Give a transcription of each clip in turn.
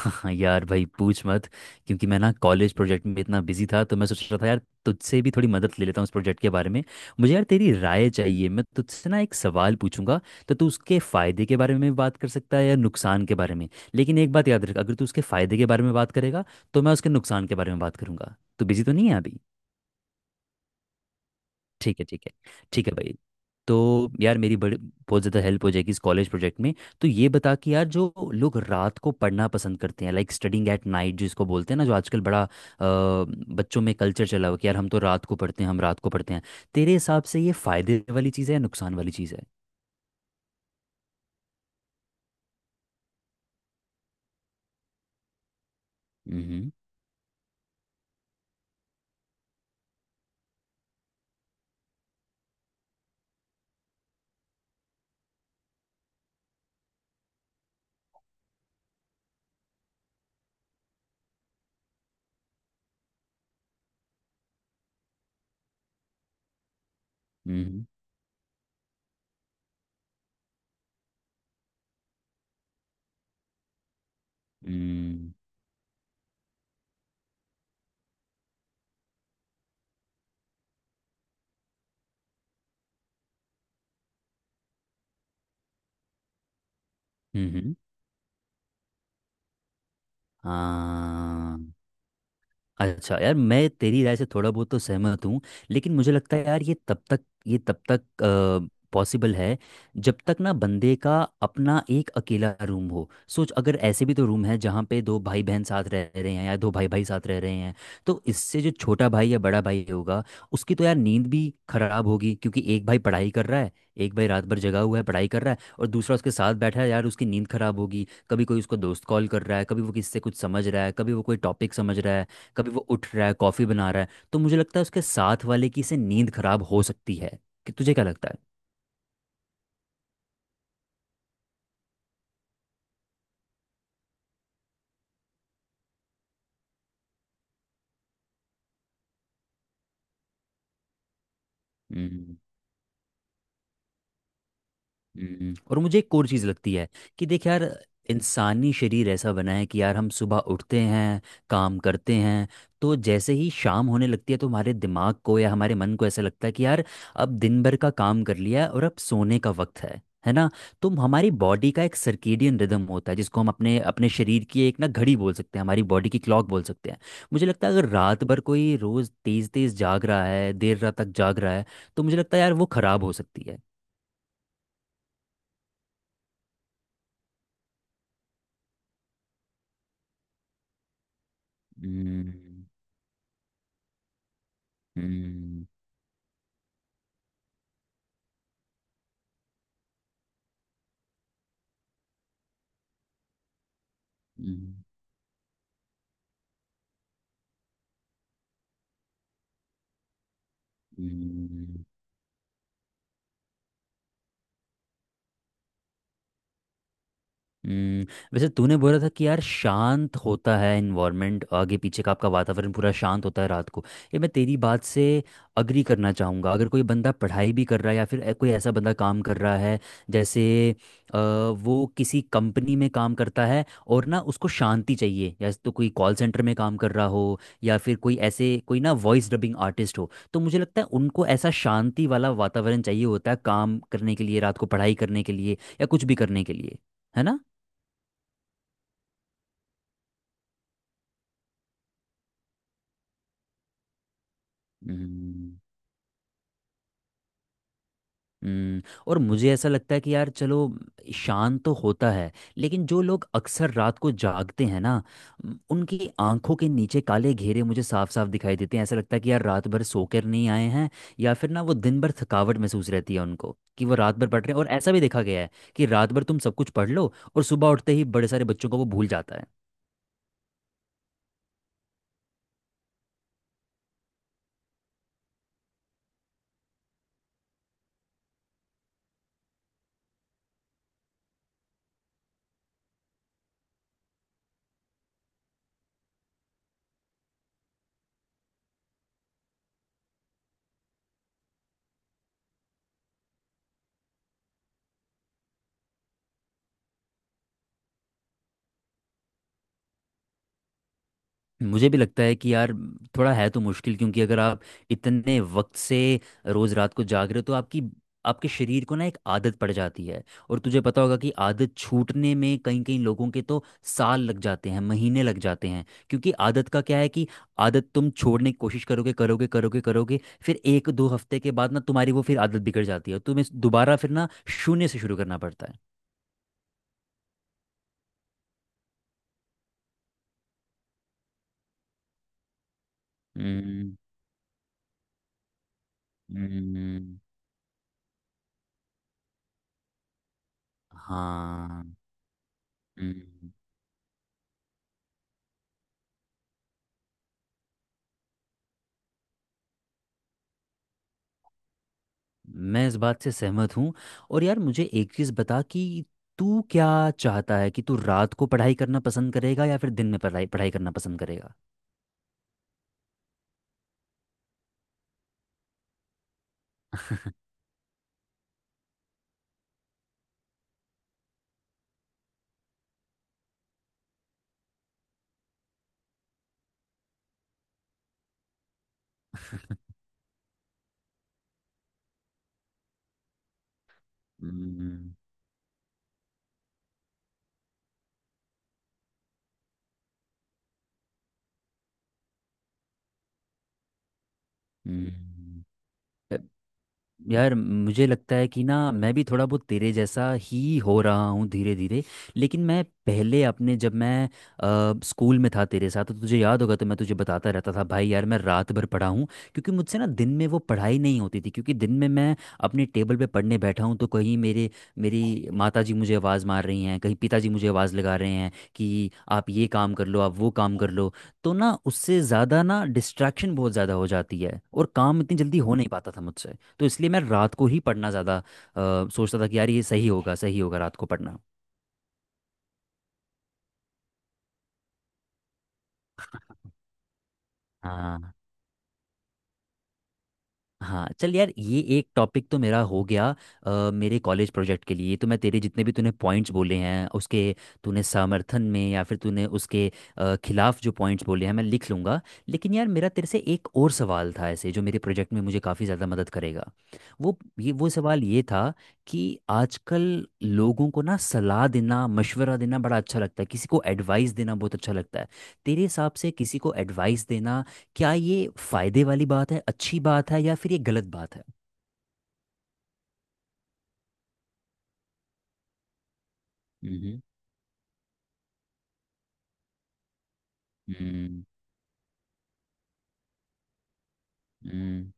हाँ यार भाई, पूछ मत। क्योंकि मैं ना कॉलेज प्रोजेक्ट में इतना बिजी था, तो मैं सोच रहा था यार तुझसे भी थोड़ी मदद ले लेता हूँ इस प्रोजेक्ट के बारे में। मुझे यार तेरी राय चाहिए, मैं तुझसे ना एक सवाल पूछूंगा। तो तू उसके फ़ायदे के बारे में बात कर सकता है या नुकसान के बारे में। लेकिन एक बात याद रख, अगर तू उसके फ़ायदे के बारे में बात करेगा तो मैं उसके नुकसान के बारे में बात करूंगा। तू बिजी तो नहीं है अभी? ठीक है, ठीक है। ठीक है भाई। तो यार मेरी बड़ी, बहुत ज़्यादा हेल्प हो जाएगी इस कॉलेज प्रोजेक्ट में। तो ये बता कि यार, जो लोग रात को पढ़ना पसंद करते हैं, लाइक स्टडिंग एट नाइट जिसको बोलते हैं ना, जो आजकल बड़ा बच्चों में कल्चर चला हुआ है कि यार हम तो रात को पढ़ते हैं, हम रात को पढ़ते हैं। तेरे हिसाब से ये फ़ायदे वाली चीज़ है या नुकसान वाली चीज़ है? हम्म हम्म। हम्म हम्म हम्म, हाँ। अच्छा यार, मैं तेरी राय से थोड़ा बहुत तो सहमत हूँ। लेकिन मुझे लगता है यार, ये तब तक पॉसिबल है जब तक ना बंदे का अपना एक अकेला रूम हो। सोच, अगर ऐसे भी तो रूम है जहाँ पे दो भाई बहन साथ रह रहे हैं या दो भाई भाई साथ रह रहे हैं, तो इससे जो छोटा भाई या बड़ा भाई होगा उसकी तो यार नींद भी खराब होगी। क्योंकि एक भाई पढ़ाई कर रहा है, एक भाई रात भर जगा हुआ है पढ़ाई कर रहा है और दूसरा उसके साथ बैठा है, यार उसकी नींद खराब होगी। कभी कोई उसको दोस्त कॉल कर रहा है, कभी वो किससे कुछ समझ रहा है, कभी वो कोई टॉपिक समझ रहा है, कभी वो उठ रहा है कॉफ़ी बना रहा है। तो मुझे लगता है उसके साथ वाले की से नींद खराब हो सकती है। कि तुझे क्या लगता है? और मुझे एक और चीज़ लगती है कि देख यार, इंसानी शरीर ऐसा बना है कि यार हम सुबह उठते हैं, काम करते हैं, तो जैसे ही शाम होने लगती है तो हमारे दिमाग को या हमारे मन को ऐसा लगता है कि यार अब दिन भर का काम कर लिया है और अब सोने का वक्त है ना? तो हमारी बॉडी का एक सर्केडियन रिदम होता है, जिसको हम अपने अपने शरीर की एक ना घड़ी बोल सकते हैं, हमारी बॉडी की क्लॉक बोल सकते हैं। मुझे लगता है अगर रात भर कोई रोज़ तेज़ तेज़ जाग रहा है, देर रात तक जाग रहा है, तो मुझे लगता है यार वो ख़राब हो सकती है। हम्म हम्म। हम्म हम्म हम्म, वैसे तूने बोला था कि यार शांत होता है इन्वायरमेंट, आगे पीछे का आपका वातावरण पूरा शांत होता है रात को। ये मैं तेरी बात से अग्री करना चाहूँगा। अगर कोई बंदा पढ़ाई भी कर रहा है या फिर ए- कोई ऐसा बंदा काम कर रहा है, जैसे वो किसी कंपनी में काम करता है और ना उसको शांति चाहिए, या तो कोई कॉल सेंटर में काम कर रहा हो या फिर कोई ऐसे कोई ना वॉइस डबिंग आर्टिस्ट हो, तो मुझे लगता है उनको ऐसा शांति वाला वातावरण चाहिए होता है काम करने के लिए, रात को पढ़ाई करने के लिए या कुछ भी करने के लिए। है ना? हम्म, हम्म, और मुझे ऐसा लगता है कि यार चलो शांत तो होता है, लेकिन जो लोग अक्सर रात को जागते हैं ना, उनकी आंखों के नीचे काले घेरे मुझे साफ साफ दिखाई देते हैं। ऐसा लगता है कि यार रात भर सोकर नहीं आए हैं, या फिर ना वो दिन भर थकावट महसूस रहती है उनको कि वो रात भर पढ़ रहे हैं। और ऐसा भी देखा गया है कि रात भर तुम सब कुछ पढ़ लो और सुबह उठते ही बड़े सारे बच्चों को वो भूल जाता है। मुझे भी लगता है कि यार थोड़ा है तो मुश्किल, क्योंकि अगर आप इतने वक्त से रोज रात को जाग रहे हो तो आपकी आपके शरीर को ना एक आदत पड़ जाती है। और तुझे पता होगा कि आदत छूटने में कई कई लोगों के तो साल लग जाते हैं, महीने लग जाते हैं। क्योंकि आदत का क्या है कि आदत तुम छोड़ने की कोशिश करोगे करोगे करोगे करोगे, फिर एक दो हफ्ते के बाद ना तुम्हारी वो फिर आदत बिगड़ जाती है, तुम्हें दोबारा फिर ना शून्य से शुरू करना पड़ता है। हम्म हम्म, हाँ। हम्म। मैं इस बात से सहमत हूँ। और यार मुझे एक चीज़ बता कि तू क्या चाहता है, कि तू रात को पढ़ाई करना पसंद करेगा या फिर दिन में पढ़ाई पढ़ाई करना पसंद करेगा? हम्म। हम्म। यार मुझे लगता है कि ना मैं भी थोड़ा बहुत तेरे जैसा ही हो रहा हूँ धीरे धीरे। लेकिन मैं पहले अपने जब मैं स्कूल में था तेरे साथ, तो तुझे याद होगा, तो मैं तुझे बताता रहता था भाई यार मैं रात भर पढ़ा हूँ। क्योंकि मुझसे ना दिन में वो पढ़ाई नहीं होती थी, क्योंकि दिन में मैं अपने टेबल पे पढ़ने बैठा हूँ तो कहीं मेरे मेरी माता जी मुझे आवाज़ मार रही हैं, कहीं पिताजी मुझे आवाज़ लगा रहे हैं, कि आप ये काम कर लो, आप वो काम कर लो। तो ना उससे ज़्यादा ना डिस्ट्रैक्शन बहुत ज़्यादा हो जाती है और काम इतनी जल्दी हो नहीं पाता था मुझसे। तो इसलिए मैं रात को ही पढ़ना ज़्यादा सोचता था कि यार ये सही होगा, सही होगा रात को पढ़ना। हाँ। हाँ चल यार, ये एक टॉपिक तो मेरा हो गया। मेरे कॉलेज प्रोजेक्ट के लिए तो मैं तेरे जितने भी तूने पॉइंट्स बोले हैं उसके, तूने समर्थन में या फिर तूने उसके खिलाफ जो पॉइंट्स बोले हैं मैं लिख लूँगा। लेकिन यार मेरा तेरे से एक और सवाल था, ऐसे जो मेरे प्रोजेक्ट में मुझे काफ़ी ज़्यादा मदद करेगा। वो सवाल ये था कि आजकल लोगों को ना सलाह देना, मशवरा देना बड़ा अच्छा लगता है, किसी को एडवाइस देना बहुत अच्छा लगता है। तेरे हिसाब से किसी को एडवाइस देना, क्या ये फायदे वाली बात है, अच्छी बात है, या फिर ये गलत बात है? हम्म हम्म, हम्म।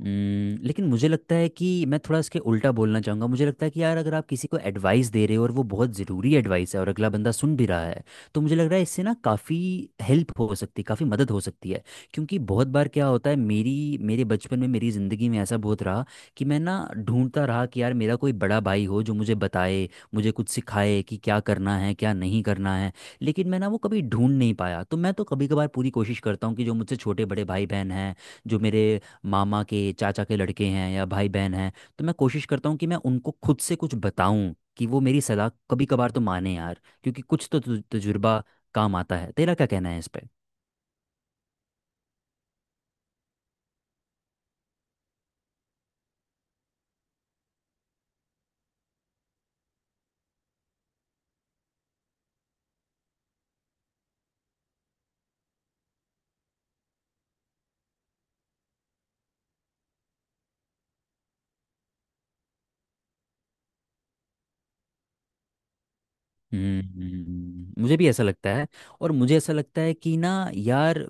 लेकिन मुझे लगता है कि मैं थोड़ा इसके उल्टा बोलना चाहूँगा। मुझे लगता है कि यार अगर आप किसी को एडवाइस दे रहे हो और वो बहुत ज़रूरी एडवाइस है और अगला बंदा सुन भी रहा है, तो मुझे लग रहा है इससे ना काफ़ी हेल्प हो सकती है, काफ़ी मदद हो सकती है। क्योंकि बहुत बार क्या होता है, मेरी मेरे बचपन में मेरी ज़िंदगी में ऐसा बहुत रहा कि मैं ना ढूंढता रहा कि यार मेरा कोई बड़ा भाई हो जो मुझे बताए, मुझे कुछ सिखाए कि क्या करना है क्या नहीं करना है। लेकिन मैं ना वो कभी ढूंढ नहीं पाया। तो मैं तो कभी कभार पूरी कोशिश करता हूँ कि जो मुझसे छोटे बड़े भाई बहन हैं, जो मेरे मामा के चाचा के लड़के हैं या भाई बहन हैं, तो मैं कोशिश करता हूँ कि मैं उनको खुद से कुछ बताऊं, कि वो मेरी सलाह कभी कभार तो माने यार, क्योंकि कुछ तो तु- तजुर्बा काम आता है। तेरा क्या कहना है इस पे? मुझे भी ऐसा लगता है। और मुझे ऐसा लगता है कि ना यार,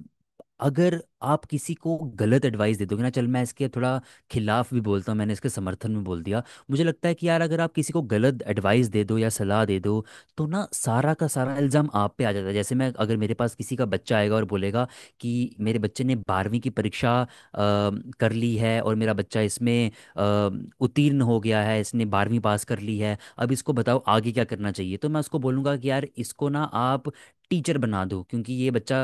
अगर आप किसी को गलत एडवाइस दे दोगे ना, चल मैं इसके थोड़ा खिलाफ भी बोलता हूँ, मैंने इसके समर्थन में बोल दिया। मुझे लगता है कि यार अगर आप किसी को गलत एडवाइस दे दो या सलाह दे दो, तो ना सारा का सारा इल्ज़ाम आप पे आ जाता है। जैसे मैं, अगर मेरे पास किसी का बच्चा आएगा और बोलेगा कि मेरे बच्चे ने बारहवीं की परीक्षा कर ली है और मेरा बच्चा इसमें अ, उत्तीर्ण हो गया है, इसने बारहवीं पास कर ली है, अब इसको बताओ आगे क्या करना चाहिए, तो मैं उसको बोलूँगा कि यार इसको ना आप टीचर बना दो, क्योंकि ये बच्चा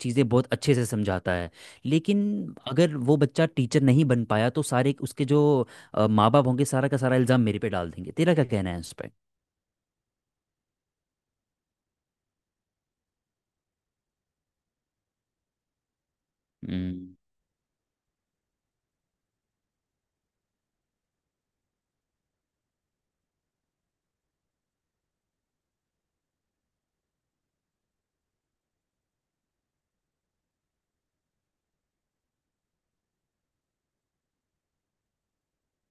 चीज़ें बहुत अच्छे से समझाता है। लेकिन अगर वो बच्चा टीचर नहीं बन पाया तो सारे उसके जो माँ बाप होंगे, सारा का सारा इल्ज़ाम मेरे पे डाल देंगे। तेरा क्या कहना है उस पर?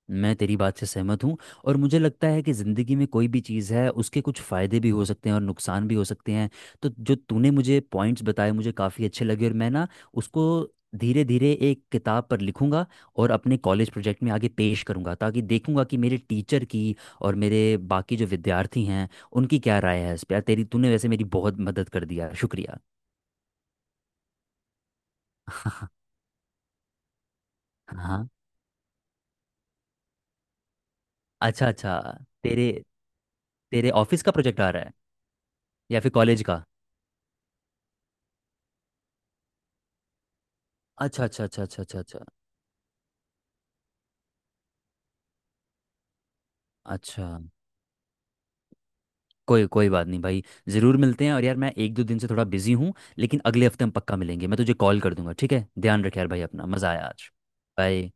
मैं तेरी बात से सहमत हूँ। और मुझे लगता है कि ज़िंदगी में कोई भी चीज़ है उसके कुछ फ़ायदे भी हो सकते हैं और नुकसान भी हो सकते हैं। तो जो तूने मुझे पॉइंट्स बताए मुझे काफ़ी अच्छे लगे, और मैं ना उसको धीरे धीरे एक किताब पर लिखूंगा और अपने कॉलेज प्रोजेक्ट में आगे पेश करूंगा, ताकि देखूंगा कि मेरे टीचर की और मेरे बाकी जो विद्यार्थी हैं उनकी क्या राय है इस पर। तेरी, तूने वैसे मेरी बहुत मदद कर दिया, शुक्रिया। हाँ। अच्छा अच्छा। तेरे तेरे ऑफिस का प्रोजेक्ट आ रहा है या फिर कॉलेज का? अच्छा अच्छा अच्छा अच्छा अच्छा अच्छा अच्छा। कोई कोई बात नहीं भाई, ज़रूर मिलते हैं। और यार मैं एक दो दिन से थोड़ा बिजी हूँ, लेकिन अगले हफ्ते हम पक्का मिलेंगे, मैं तुझे कॉल कर दूंगा। ठीक है, ध्यान रख यार भाई अपना, मज़ा आया आज। बाय।